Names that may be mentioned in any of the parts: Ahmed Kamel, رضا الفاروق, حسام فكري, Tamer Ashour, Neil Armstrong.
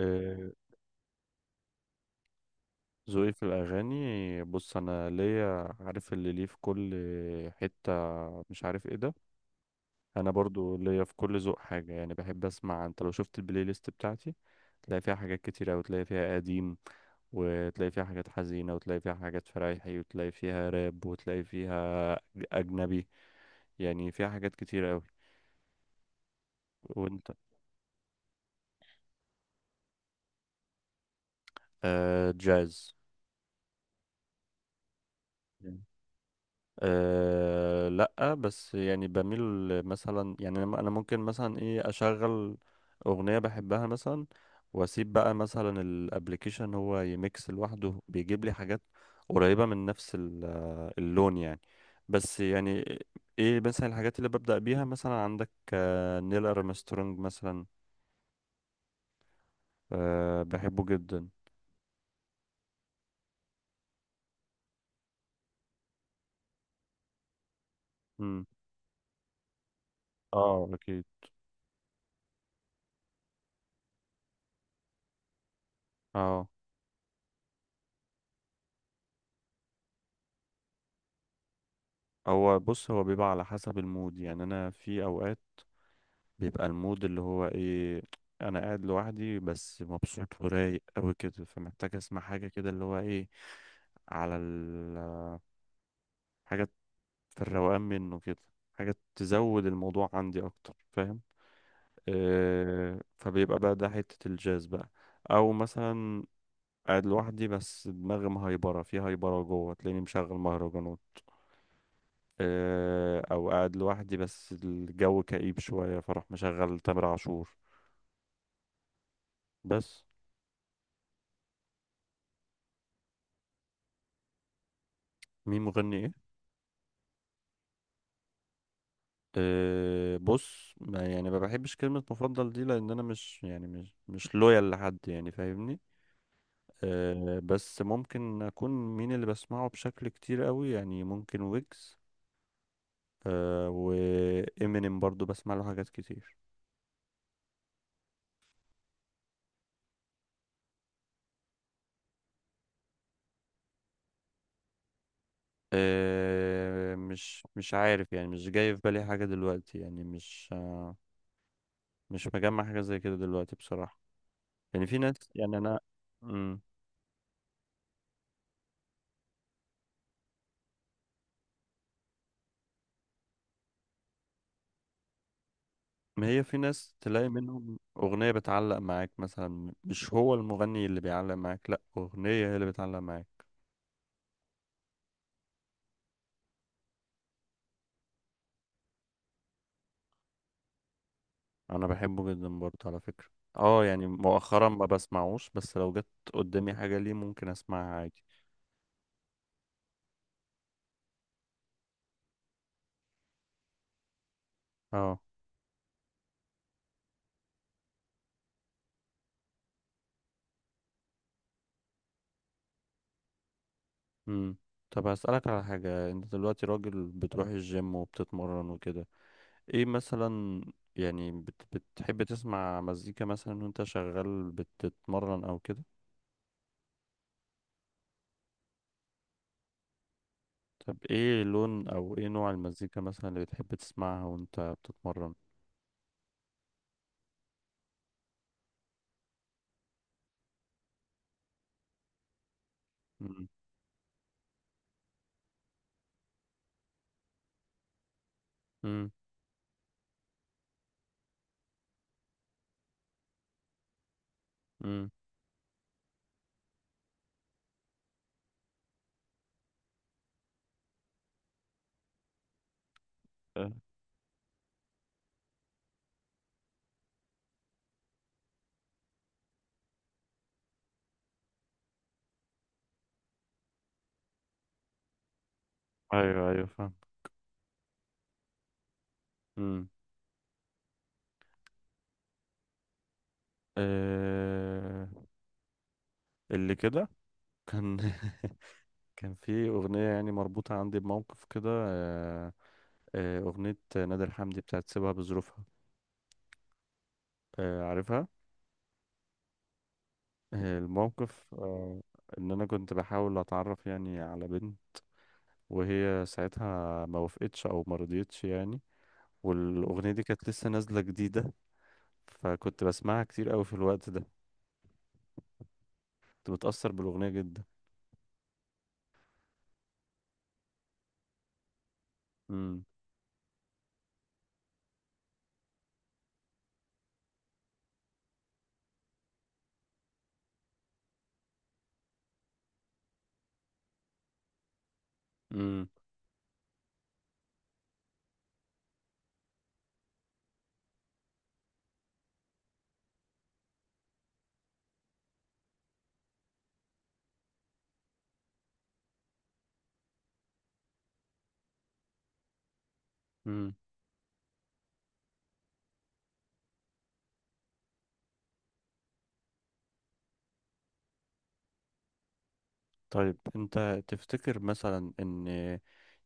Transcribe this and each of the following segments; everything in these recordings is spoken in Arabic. آه، ذوقي في الأغاني. بص أنا ليا عارف اللي ليه في كل حتة، مش عارف ايه ده. أنا برضو ليا في كل ذوق حاجة، يعني بحب أسمع. أنت لو شفت البلاي ليست بتاعتي تلاقي فيها حاجات كتيرة، وتلاقي فيها قديم، وتلاقي فيها حاجات حزينة، وتلاقي فيها حاجات فرايحي، وتلاقي فيها راب، وتلاقي فيها أجنبي. يعني فيها حاجات كتيرة أوي. وأنت؟ آه، جاز. أه لا، بس يعني بميل مثلا، يعني أنا ممكن مثلا ايه اشغل اغنية بحبها مثلا، واسيب بقى مثلا الابليكيشن هو يميكس لوحده، بيجيب لي حاجات قريبة من نفس اللون يعني. بس يعني ايه، مثلا الحاجات اللي ببدأ بيها مثلا، عندك نيل ارمسترونج مثلا. أه بحبه جدا. مم. اه اكيد. اه. هو بص، هو بيبقى على حسب المود. يعني انا في اوقات بيبقى المود اللي هو ايه، انا قاعد لوحدي بس مبسوط ورايق قوي كده، فمحتاج اسمع حاجه كده اللي هو ايه على حاجه في الروقان منه كده، حاجه تزود الموضوع عندي اكتر، فاهم؟ آه، فبيبقى بقى ده حته الجاز بقى. او مثلا قاعد لوحدي بس دماغي مهيبره في هيبره جوه، تلاقيني مشغل مهرجانات. آه، او قاعد لوحدي بس الجو كئيب شويه، فاروح مشغل تامر عاشور بس. مين مغني ايه؟ أه بص، يعني ما بحبش كلمة مفضل دي، لأن أنا مش يعني مش لويال لحد، يعني فاهمني. أه، بس ممكن أكون مين اللي بسمعه بشكل كتير قوي، يعني ممكن ويجز، أه، وإمينيم برضو بسمع له حاجات كتير. أه مش عارف، يعني مش جاي في بالي حاجة دلوقتي، يعني مش مجمع حاجة زي كده دلوقتي بصراحة. يعني في ناس، يعني أنا. مم. ما هي في ناس تلاقي منهم أغنية بتعلق معاك مثلا، مش هو المغني اللي بيعلق معاك، لأ أغنية هي اللي بتعلق معاك. أنا بحبه جدا برضه على فكرة. اه، يعني مؤخرا ما بسمعوش، بس لو جت قدامي حاجة ليه ممكن أسمعها عادي. اه. امم. طب هسألك على حاجة، انت دلوقتي راجل بتروح الجيم وبتتمرن وكده. ايه مثلا، يعني بت... بتحب تسمع مزيكا مثلا وانت شغال بتتمرن او كده؟ طب ايه لون او ايه نوع المزيكا مثلا اللي بتحب تسمعها وانت بتتمرن؟ مم. مم. مم. آه، ايوه ايوه فاهم. مم. آه... اللي كده كان كان في اغنيه يعني مربوطه عندي بموقف كده، اغنيه نادر حمدي بتاعت سيبها بظروفها، عارفها. آه الموقف ان انا كنت بحاول اتعرف يعني على بنت، وهي ساعتها ما وافقتش او ما رضيتش يعني، والاغنيه دي كانت لسه نازله جديده، فكنت بسمعها كتير قوي في الوقت ده، كنت متأثر بالأغنية جدا. امم. امم. امم. طيب انت تفتكر مثلا ان،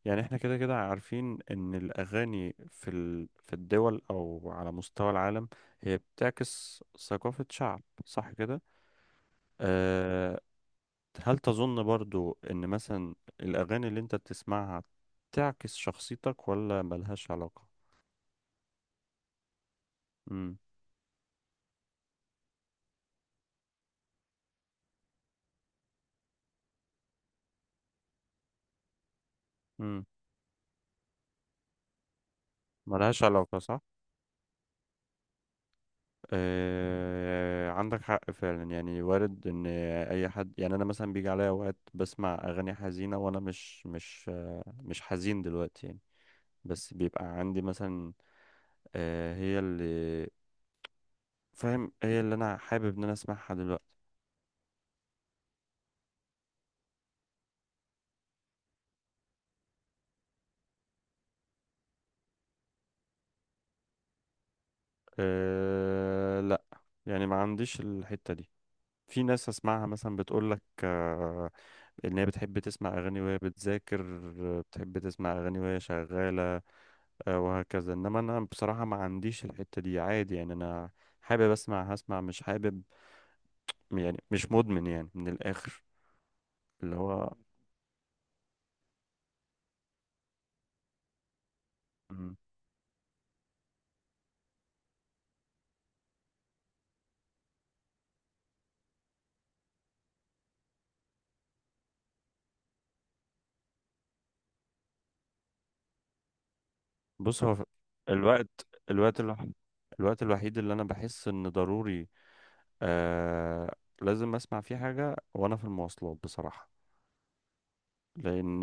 يعني احنا كده كده عارفين ان الأغاني في في الدول او على مستوى العالم هي بتعكس ثقافة شعب، صح كده؟ أه، هل تظن برضو ان مثلا الأغاني اللي انت بتسمعها تعكس شخصيتك ولا ملهاش علاقة؟ امم. امم. ملهاش علاقة صح. آه، عندك حق فعلا. يعني وارد ان اي حد، يعني انا مثلا بيجي عليا اوقات بسمع اغاني حزينه وانا مش حزين دلوقتي يعني. بس بيبقى عندي مثلا آه، هي اللي فاهم، هي اللي انا حابب ان انا اسمعها دلوقتي. أه لا، يعني ما عنديش الحته دي. في ناس اسمعها مثلا بتقول لك ان هي بتحب تسمع اغاني وهي بتذاكر، بتحب تسمع اغاني وهي شغاله، وهكذا. انما انا بصراحة ما عنديش الحتة دي، عادي يعني. انا حابب اسمع هسمع، مش حابب، يعني مش مدمن يعني من الاخر. اللي هو. مم. بص هو الوقت الوقت الوح... الوقت الوحيد اللي انا بحس ان ضروري آه لازم اسمع فيه حاجة وانا في المواصلات بصراحة. لان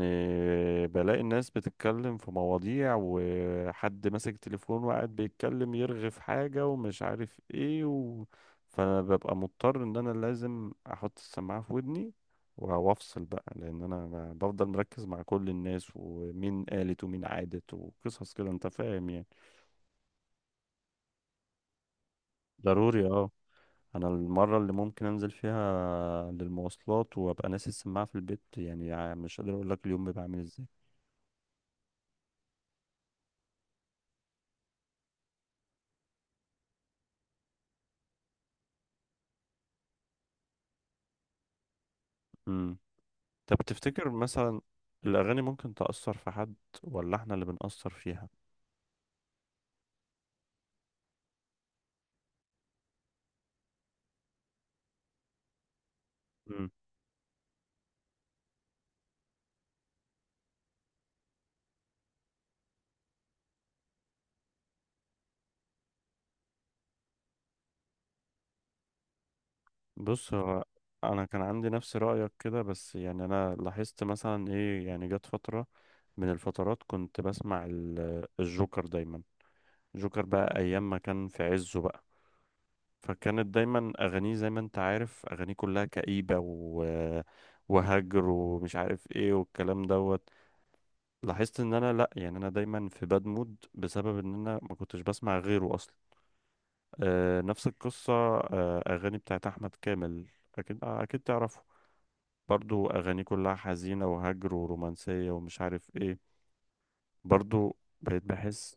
بلاقي الناس بتتكلم في مواضيع، وحد ماسك تليفون وقاعد بيتكلم يرغي في حاجة ومش عارف ايه فانا ببقى مضطر ان انا لازم احط السماعة في ودني، وافصل بقى. لان انا بفضل مركز مع كل الناس، ومين قالت ومين عادت وقصص كده، انت فاهم يعني. ضروري اه. انا المرة اللي ممكن انزل فيها للمواصلات وابقى ناسي السماعة في البيت، يعني مش قادر اقول لك اليوم بيبقى عامل ازاي. إمم. طب تفتكر مثلا الأغاني ممكن تأثر في حد، ولا احنا اللي بنأثر فيها؟ مم. بص هو، أنا كان عندي نفس رأيك كده، بس يعني أنا لاحظت مثلا إيه. يعني جت فترة من الفترات كنت بسمع الجوكر دايما، جوكر بقى أيام ما كان في عزه بقى. فكانت دايما أغانيه زي ما أنت عارف، أغانيه كلها كئيبة وهجر ومش عارف إيه والكلام دوت. لاحظت إن أنا لأ، يعني أنا دايما في باد مود بسبب إن أنا ما كنتش بسمع غيره أصلا. آه، نفس القصة، أغاني بتاعت أحمد كامل. أكيد، أكيد تعرفه. برضو أغاني كلها حزينة وهجر ورومانسية ومش عارف إيه، برضو بقيت بحس.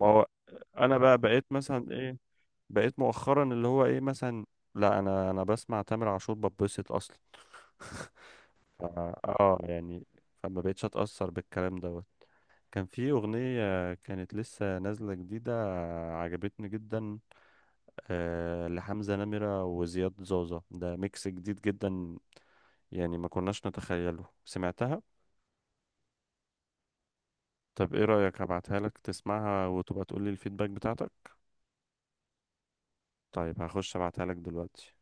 ما هو أنا بقى بقيت مثلا إيه، بقيت مؤخرا اللي هو إيه مثلا، لا أنا بسمع تامر عاشور ببسط أصلا ف- آه يعني فما بقيتش أتأثر بالكلام دوت. كان في أغنية كانت لسه نازلة جديدة عجبتني جدا، آه، لحمزة نمرة وزياد زوزة، ده ميكس جديد جدا يعني ما كناش نتخيله، سمعتها. طب ايه رأيك، هبعتها لك تسمعها وتبقى تقولي الفيدباك بتاعتك؟ طيب هخش ابعتها لك دلوقتي.